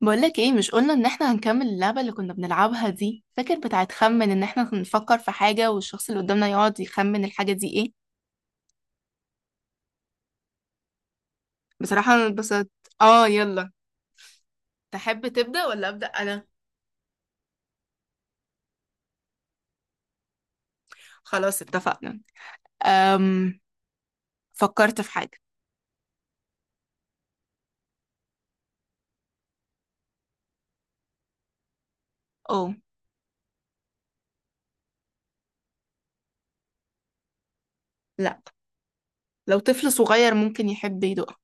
بقولك ايه، مش قلنا ان احنا هنكمل اللعبة اللي كنا بنلعبها دي؟ فاكر بتاعت خمن ان احنا نفكر في حاجة والشخص اللي قدامنا يقعد يخمن الحاجة دي ايه. بصراحة انا اتبسطت. اه يلا. تحب تبدأ ولا أبدأ انا؟ خلاص اتفقنا. أم فكرت في حاجة. اه. لا. لو طفل صغير ممكن يحب يدوقها.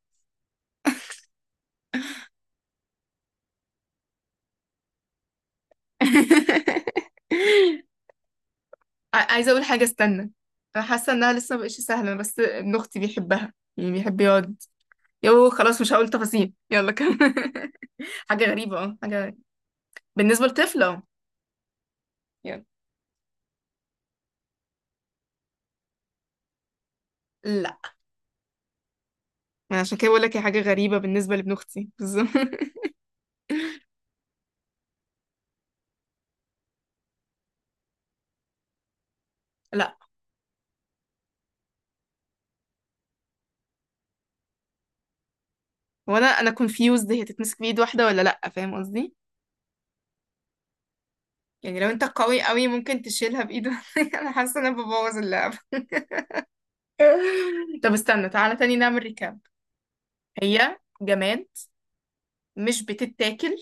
عايزة اقول حاجة، استنى. انا حاسة انها لسه مبقتش سهلة، بس ابن اختي بيحبها، يعني بيحب يقعد. يو خلاص، مش هقول تفاصيل، يلا كمل. حاجة غريبة، اه حاجة غريبة بالنسبة لطفلة، اه. يلا. لا. ما أنا عشان كده بقول لك، هي حاجه غريبه بالنسبه لابن اختي بالظبط. لا. وانا كونفيوزد، هي تتمسك بايد واحده ولا لا؟ فاهم قصدي؟ يعني لو انت قوي قوي ممكن تشيلها بايد واحدة. انا حاسه ان انا ببوظ اللعبه. طب استنى، تعالى تاني نعمل ريكاب. هي جماد. مش بتتاكل.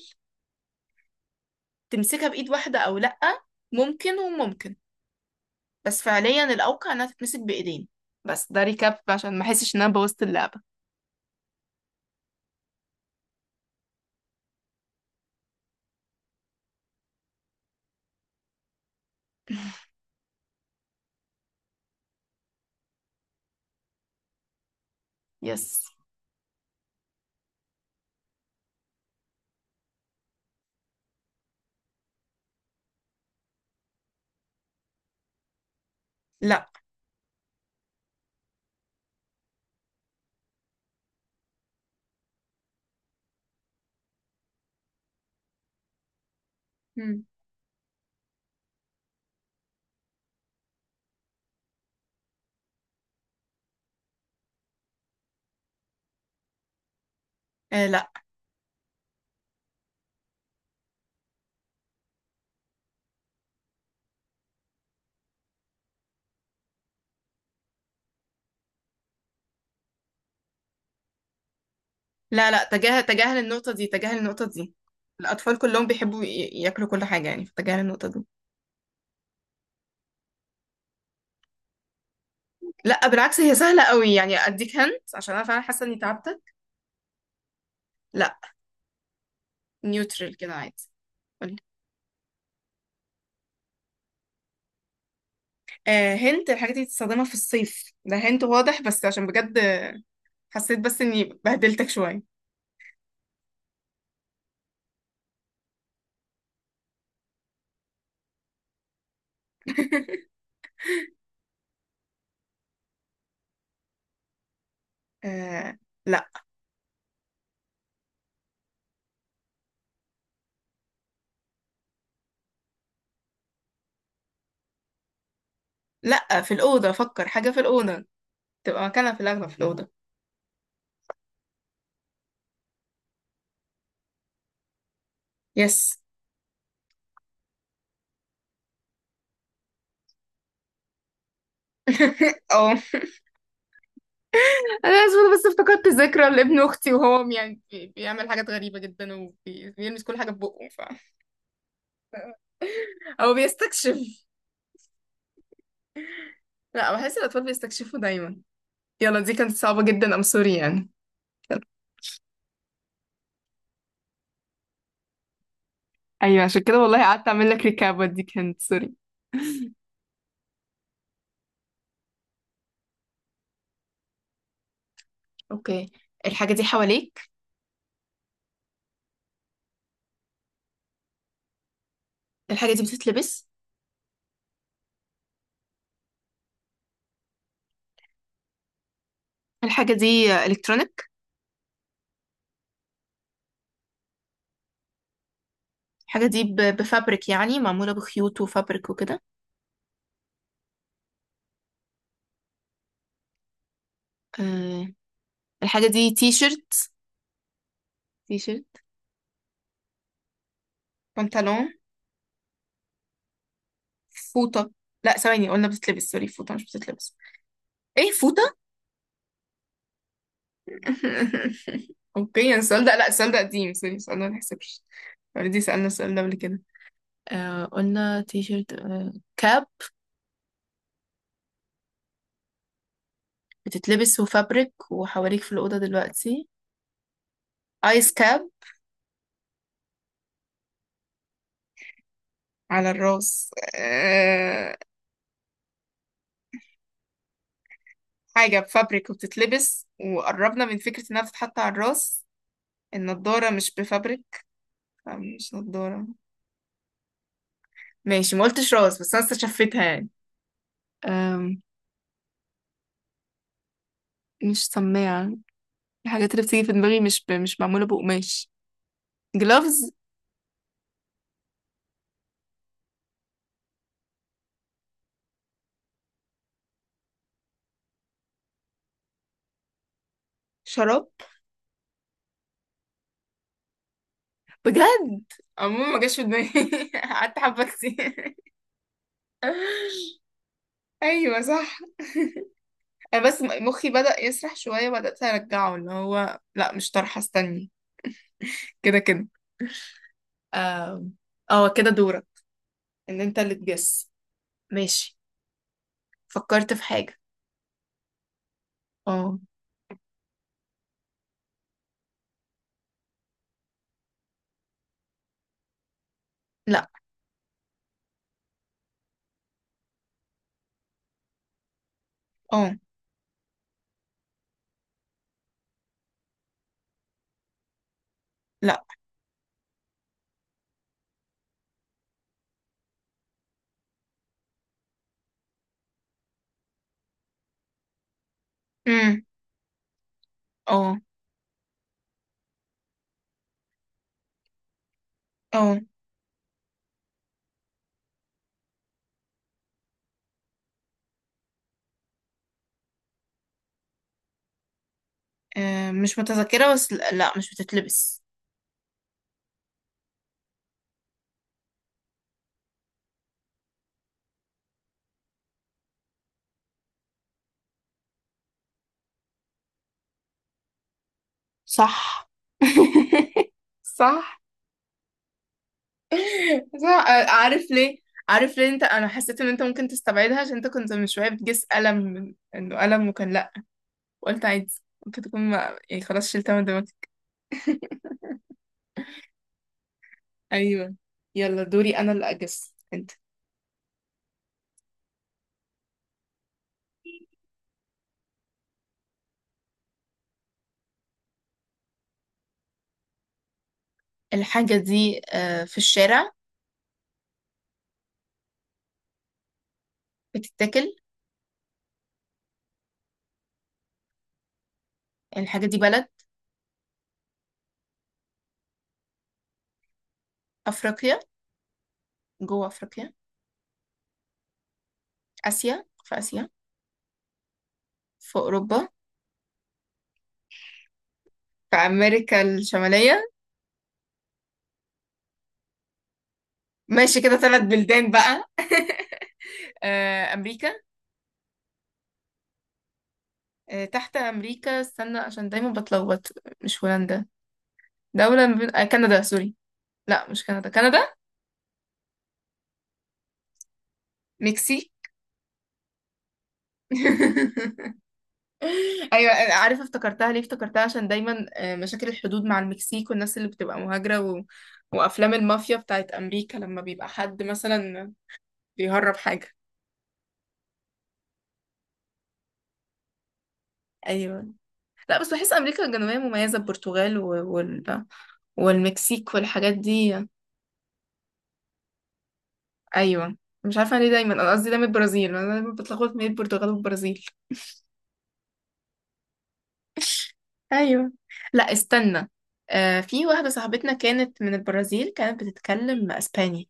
تمسكها بايد واحده او لا، ممكن وممكن. بس فعليا الاوقع انها تتمسك بايدين. بس ده ريكاب عشان ما احسش ان انا بوظت اللعبه. يس. لا. آه. لا. لا لا، تجاهل تجاهل النقطة دي، تجاهل النقطة دي. الأطفال كلهم بيحبوا ياكلوا كل حاجة يعني، فتجاهل النقطة دي. لا بالعكس، هي سهلة قوي يعني، أديك هنت، عشان أنا فعلا حاسة إني تعبت. لا، نيوترال كده عادي. قولي. آه هنت، الحاجات دي بتستخدمها في الصيف، ده هنت واضح، بس عشان بجد حسيت بس إني بهدلتك شوية. آه لا. لا، في الأوضة، فكر حاجة في الأوضة، تبقى مكانها في الأغلب في الأوضة. يس. اه، انا اسفه، بس افتكرت ذكرى لابن اختي، وهو يعني بيعمل حاجات غريبه جدا وبيلمس كل حاجه ببقه، ف او بيستكشف. لا، بحس الاطفال بيستكشفوا دايما. يلا، دي كانت صعبه جدا، سوري يعني. ايوه عشان كده والله قعدت اعمل لك ريكاب، دي كانت سوري. اوكي. الحاجه دي حواليك. الحاجه دي بتتلبس. الحاجه دي الكترونيك. الحاجه دي بفابريك، يعني معموله بخيوط وفابريك وكده. أه. الحاجه دي تي شيرت. تي شيرت؟ بنطلون؟ فوطة. لا ثواني، قلنا بتتلبس، سوري، فوطة مش بتتلبس. ايه، فوطة. اوكي، السؤال ده، لا السؤال ده قديم، سوري، السؤال ده ما يحسبش. اوريدي سألنا السؤال ده قبل كده. آه، قلنا تي شيرت، آه كاب. بتتلبس وفابريك وحواليك في الأوضة دلوقتي. ايس كاب؟ على الراس أه... حاجة بفابريك وبتتلبس وقربنا من فكرة انها بتتحط على الراس. النضارة مش بفابريك. آه، مش نضارة. ماشي ما قلتش راس، بس انا استشفتها يعني. مش سماعة. الحاجات اللي بتيجي في دماغي مش ب... مش معمولة بقماش. جلافز؟ شراب؟ بجد؟ عموما ما جاش في دماغي. قعدت حبة كتير. ايوه صح. انا بس مخي بدأ يسرح شوية، بدأت ارجعه، اللي هو لا مش طرحة، استني. كده كده. اه. آه، كده دورك، ان انت اللي تجس. ماشي فكرت في حاجة. اه. لا. اه. لا. امم. اه. اه. آه، مش متذكرة، بس لا لا، مش بتتلبس. صح. صح. صح عارف ليه؟ عارف ليه انت، انا حسيت ان انت ممكن تستبعدها عشان انت كنت من شويه بتجس الم من- انه الم وكان لا، وقلت عادي ممكن تكون ما... يعني خلاص شلتها من دماغك. ايوه. يلا دوري انا اللي اجس انت. الحاجه دي آه، في الشارع. بتتاكل. الحاجه دي بلد. افريقيا، جوه افريقيا. اسيا، في اسيا. في اوروبا. في امريكا الشماليه. ماشي كده 3 بلدان بقى. آه، امريكا. آه، تحت أمريكا، استنى عشان دايما بتلخبط. مش هولندا. دولة من... آه، كندا، سوري لا مش كندا، كندا. مكسي. أيوة. آه، عارفة افتكرتها ليه؟ افتكرتها عشان دايما آه، مشاكل الحدود مع المكسيك والناس اللي بتبقى مهاجرة و... وأفلام المافيا بتاعت أمريكا لما بيبقى حد مثلا بيهرب حاجة. أيوة. لا بس بحس أمريكا الجنوبية مميزة، البرتغال و... وال... والمكسيك والحاجات دي. أيوة. مش عارفة ليه، دايما أنا قصدي دايما البرازيل، أنا دايما بتلخبط بين البرتغال والبرازيل. ايوه. لا استنى، آه في واحده صاحبتنا كانت من البرازيل، كانت بتتكلم اسباني.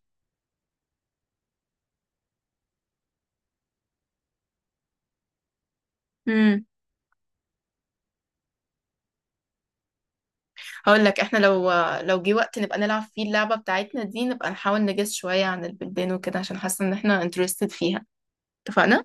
امم. هقول لك، احنا لو لو جه وقت نبقى نلعب فيه اللعبه بتاعتنا دي، نبقى نحاول نجس شويه عن البلدان وكده، عشان حاسه ان احنا انترستد فيها. اتفقنا؟